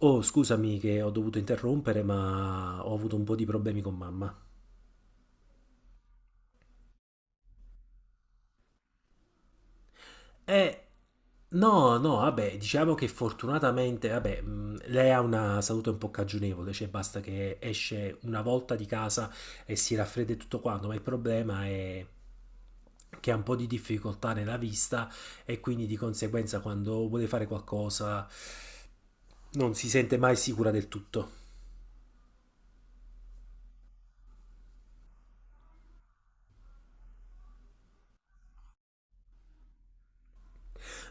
Oh, scusami che ho dovuto interrompere, ma ho avuto un po' di problemi con mamma. Eh, no, no, vabbè, diciamo che fortunatamente, vabbè, lei ha una salute un po' cagionevole, cioè basta che esce una volta di casa e si raffredda e tutto quanto, ma il problema è che ha un po' di difficoltà nella vista e quindi di conseguenza quando vuole fare qualcosa non si sente mai sicura del tutto.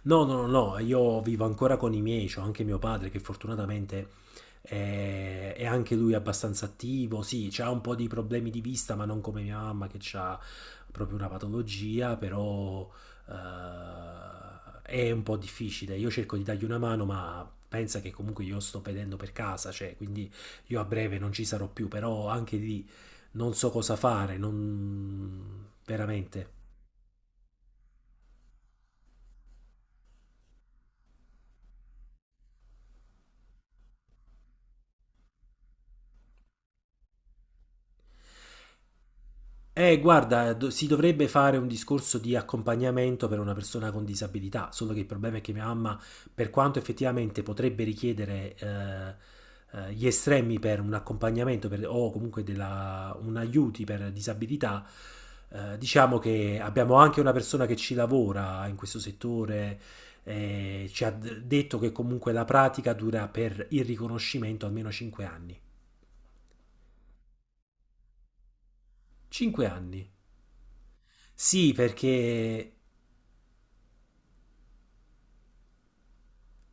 No, no, no, no, io vivo ancora con i miei, c'ho anche mio padre che fortunatamente è anche lui abbastanza attivo, sì, c'ha un po' di problemi di vista, ma non come mia mamma che ha proprio una patologia, però è un po' difficile. Io cerco di dargli una mano, ma pensa che comunque io sto pedendo per casa, cioè, quindi io a breve non ci sarò più, però anche lì non so cosa fare, non veramente. Guarda, si dovrebbe fare un discorso di accompagnamento per una persona con disabilità, solo che il problema è che mia mamma, per quanto effettivamente potrebbe richiedere gli estremi per un accompagnamento o comunque un aiuti per disabilità, diciamo che abbiamo anche una persona che ci lavora in questo settore, ci ha detto che comunque la pratica dura per il riconoscimento almeno 5 anni. 5 anni. Sì, perché.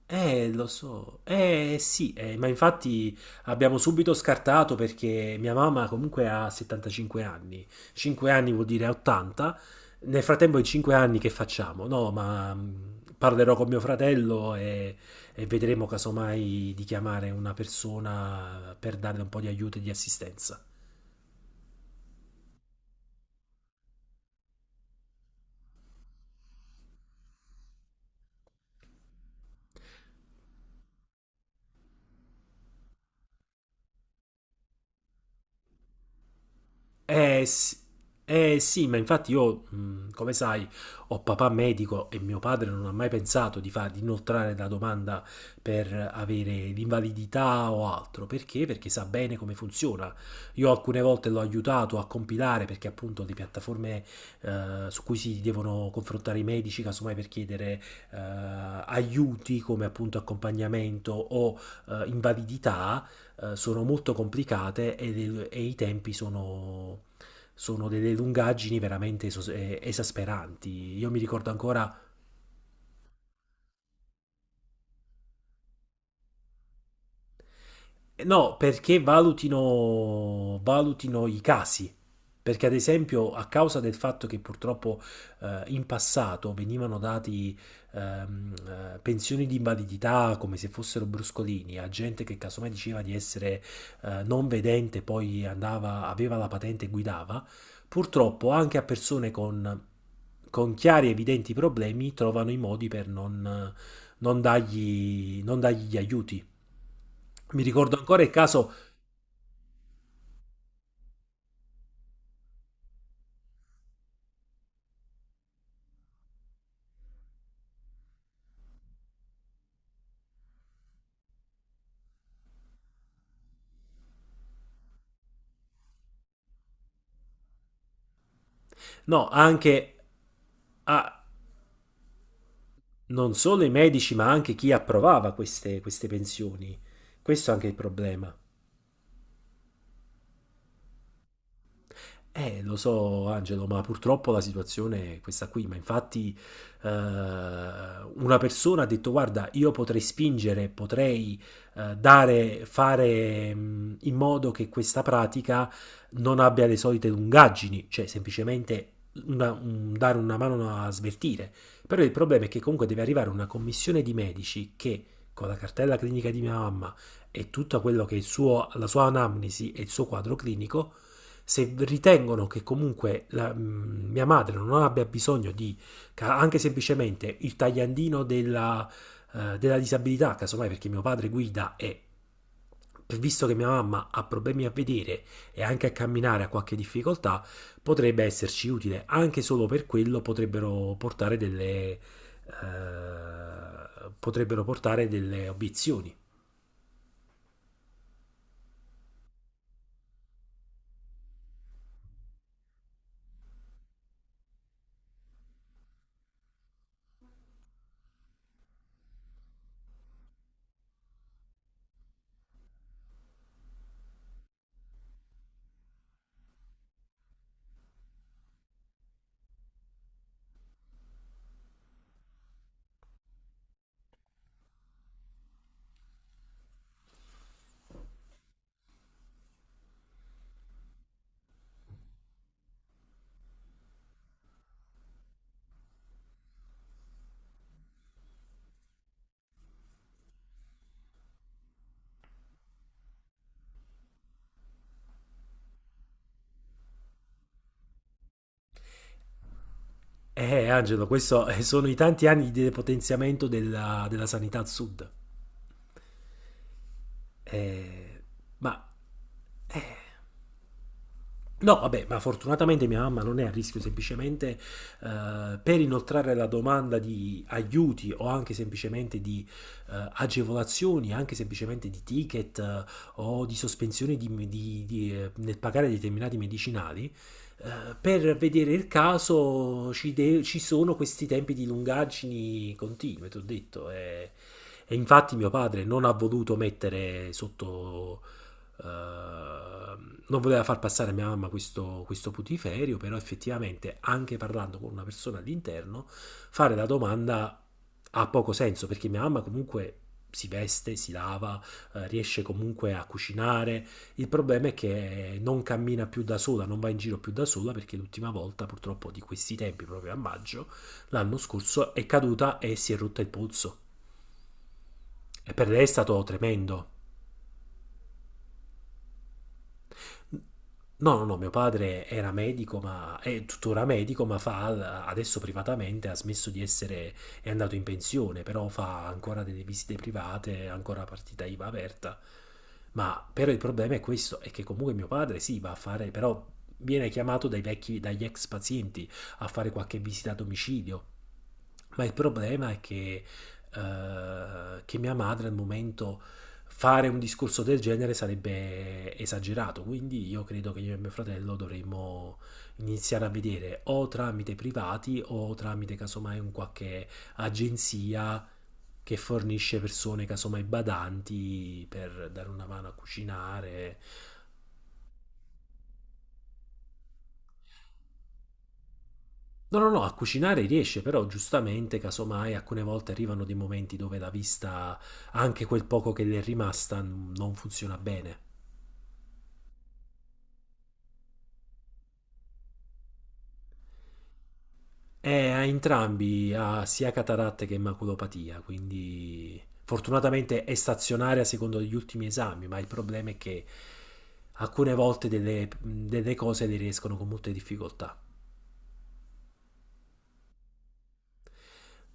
Lo so, eh sì, ma infatti abbiamo subito scartato perché mia mamma comunque ha 75 anni, 5 anni vuol dire 80, nel frattempo in 5 anni che facciamo? No, ma parlerò con mio fratello e vedremo casomai di chiamare una persona per darle un po' di aiuto e di assistenza. Eh, sì- sì, ma infatti io, come sai, ho papà medico e mio padre non ha mai pensato di inoltrare la domanda per avere l'invalidità o altro. Perché? Perché sa bene come funziona. Io alcune volte l'ho aiutato a compilare perché appunto le piattaforme su cui si devono confrontare i medici, casomai per chiedere eh, aiuti come appunto accompagnamento o invalidità sono molto complicate e i tempi sono delle lungaggini veramente esasperanti. Io mi ricordo ancora. No, perché valutino i casi. Perché, ad esempio, a causa del fatto che purtroppo in passato venivano dati ehm, pensioni di invalidità come se fossero bruscolini a gente che casomai diceva di essere non vedente, poi andava, aveva la patente e guidava, purtroppo anche a persone con chiari e evidenti problemi trovano i modi per non dargli gli aiuti. Mi ricordo ancora il caso. No, anche a non solo i medici, ma anche chi approvava queste pensioni. Questo è anche il problema. Lo so, Angelo, ma purtroppo la situazione è questa qui. Ma infatti, una persona ha detto: Guarda, io potrei spingere, potrei dare, fare in modo che questa pratica non abbia le solite lungaggini, cioè semplicemente dare una mano a svertire. Però il problema è che comunque deve arrivare una commissione di medici che con la cartella clinica di mia mamma, e tutta quello che è il suo, la sua anamnesi e il suo quadro clinico, se ritengono che comunque mia madre non abbia bisogno di anche semplicemente il tagliandino della disabilità, casomai perché mio padre guida e visto che mia mamma ha problemi a vedere e anche a camminare ha qualche difficoltà, potrebbe esserci utile. Anche solo per quello potrebbero portare delle obiezioni. Angelo, questo sono i tanti anni di depotenziamento della sanità al sud. Eh, ma No, vabbè, ma fortunatamente mia mamma non è a rischio, semplicemente per inoltrare la domanda di aiuti o anche semplicemente di agevolazioni, anche semplicemente di ticket o di sospensioni nel pagare determinati medicinali, per vedere il caso ci sono questi tempi di lungaggini continue, ti ho detto. E infatti mio padre non ha voluto mettere sotto eh, non voleva far passare a mia mamma questo putiferio, però effettivamente anche parlando con una persona all'interno, fare la domanda ha poco senso perché mia mamma comunque si veste, si lava, riesce comunque a cucinare. Il problema è che non cammina più da sola, non va in giro più da sola perché l'ultima volta, purtroppo, di questi tempi, proprio a maggio, l'anno scorso, è caduta e si è rotta il polso. E per lei è stato tremendo. No, no, no, mio padre era medico, ma è tuttora medico, ma fa adesso privatamente, ha smesso di essere, è andato in pensione, però fa ancora delle visite private, ancora partita IVA aperta. Ma però il problema è questo, è che comunque mio padre sì, va a fare, però viene chiamato dai vecchi, dagli ex pazienti a fare qualche visita a domicilio. Ma il problema è che mia madre al momento fare un discorso del genere sarebbe esagerato, quindi io credo che io e mio fratello dovremmo iniziare a vedere o tramite privati o tramite casomai un qualche agenzia che fornisce persone casomai badanti per dare una mano a cucinare. No, no, no, a cucinare riesce, però giustamente, casomai, alcune volte arrivano dei momenti dove la vista, anche quel poco che le è rimasta, non funziona bene. A entrambi ha sia cataratta che maculopatia, quindi fortunatamente è stazionaria secondo gli ultimi esami, ma il problema è che alcune volte delle cose le riescono con molte difficoltà.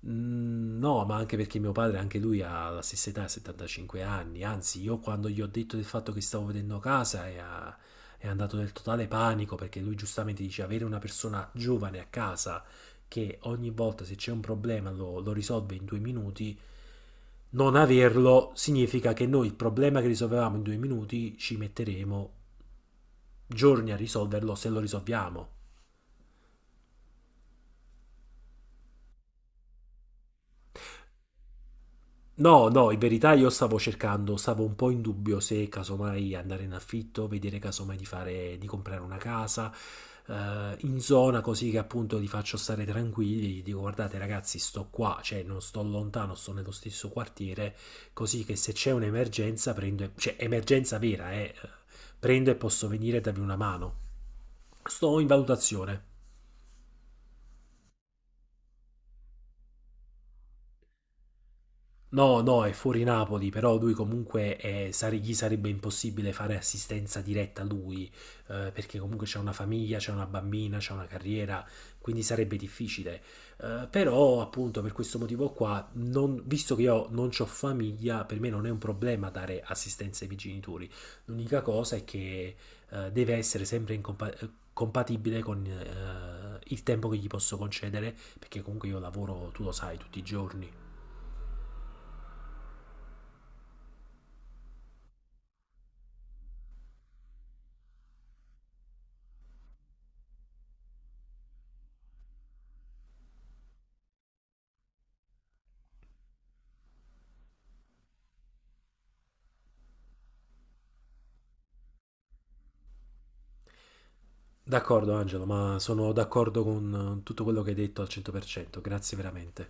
Mm, no, ma anche perché mio padre, anche lui ha la stessa età, 75 anni. Anzi, io quando gli ho detto del fatto che stavo vedendo casa è andato nel totale panico perché lui giustamente dice avere una persona giovane a casa che ogni volta se c'è un problema lo risolve in due minuti, non averlo significa che noi il problema che risolvevamo in due minuti ci metteremo giorni a risolverlo se lo risolviamo. No, no, in verità io stavo cercando, stavo un po' in dubbio se casomai andare in affitto, vedere casomai di fare, di comprare una casa in zona così che appunto li faccio stare tranquilli, gli dico guardate ragazzi sto qua, cioè non sto lontano, sto nello stesso quartiere, così che se c'è un'emergenza prendo, cioè emergenza vera, prendo e posso venire e darvi una mano. Sto in valutazione. No, no, è fuori Napoli, però lui comunque gli sarebbe impossibile fare assistenza diretta a lui, perché comunque c'è una famiglia, c'è una bambina, c'è una carriera, quindi sarebbe difficile. Però appunto per questo motivo qua, visto che io non ho famiglia, per me non è un problema dare assistenza ai miei genitori. L'unica cosa è che deve essere sempre in compatibile con il tempo che gli posso concedere, perché comunque io lavoro, tu lo sai, tutti i giorni. D'accordo Angelo, ma sono d'accordo con tutto quello che hai detto al 100%, grazie veramente.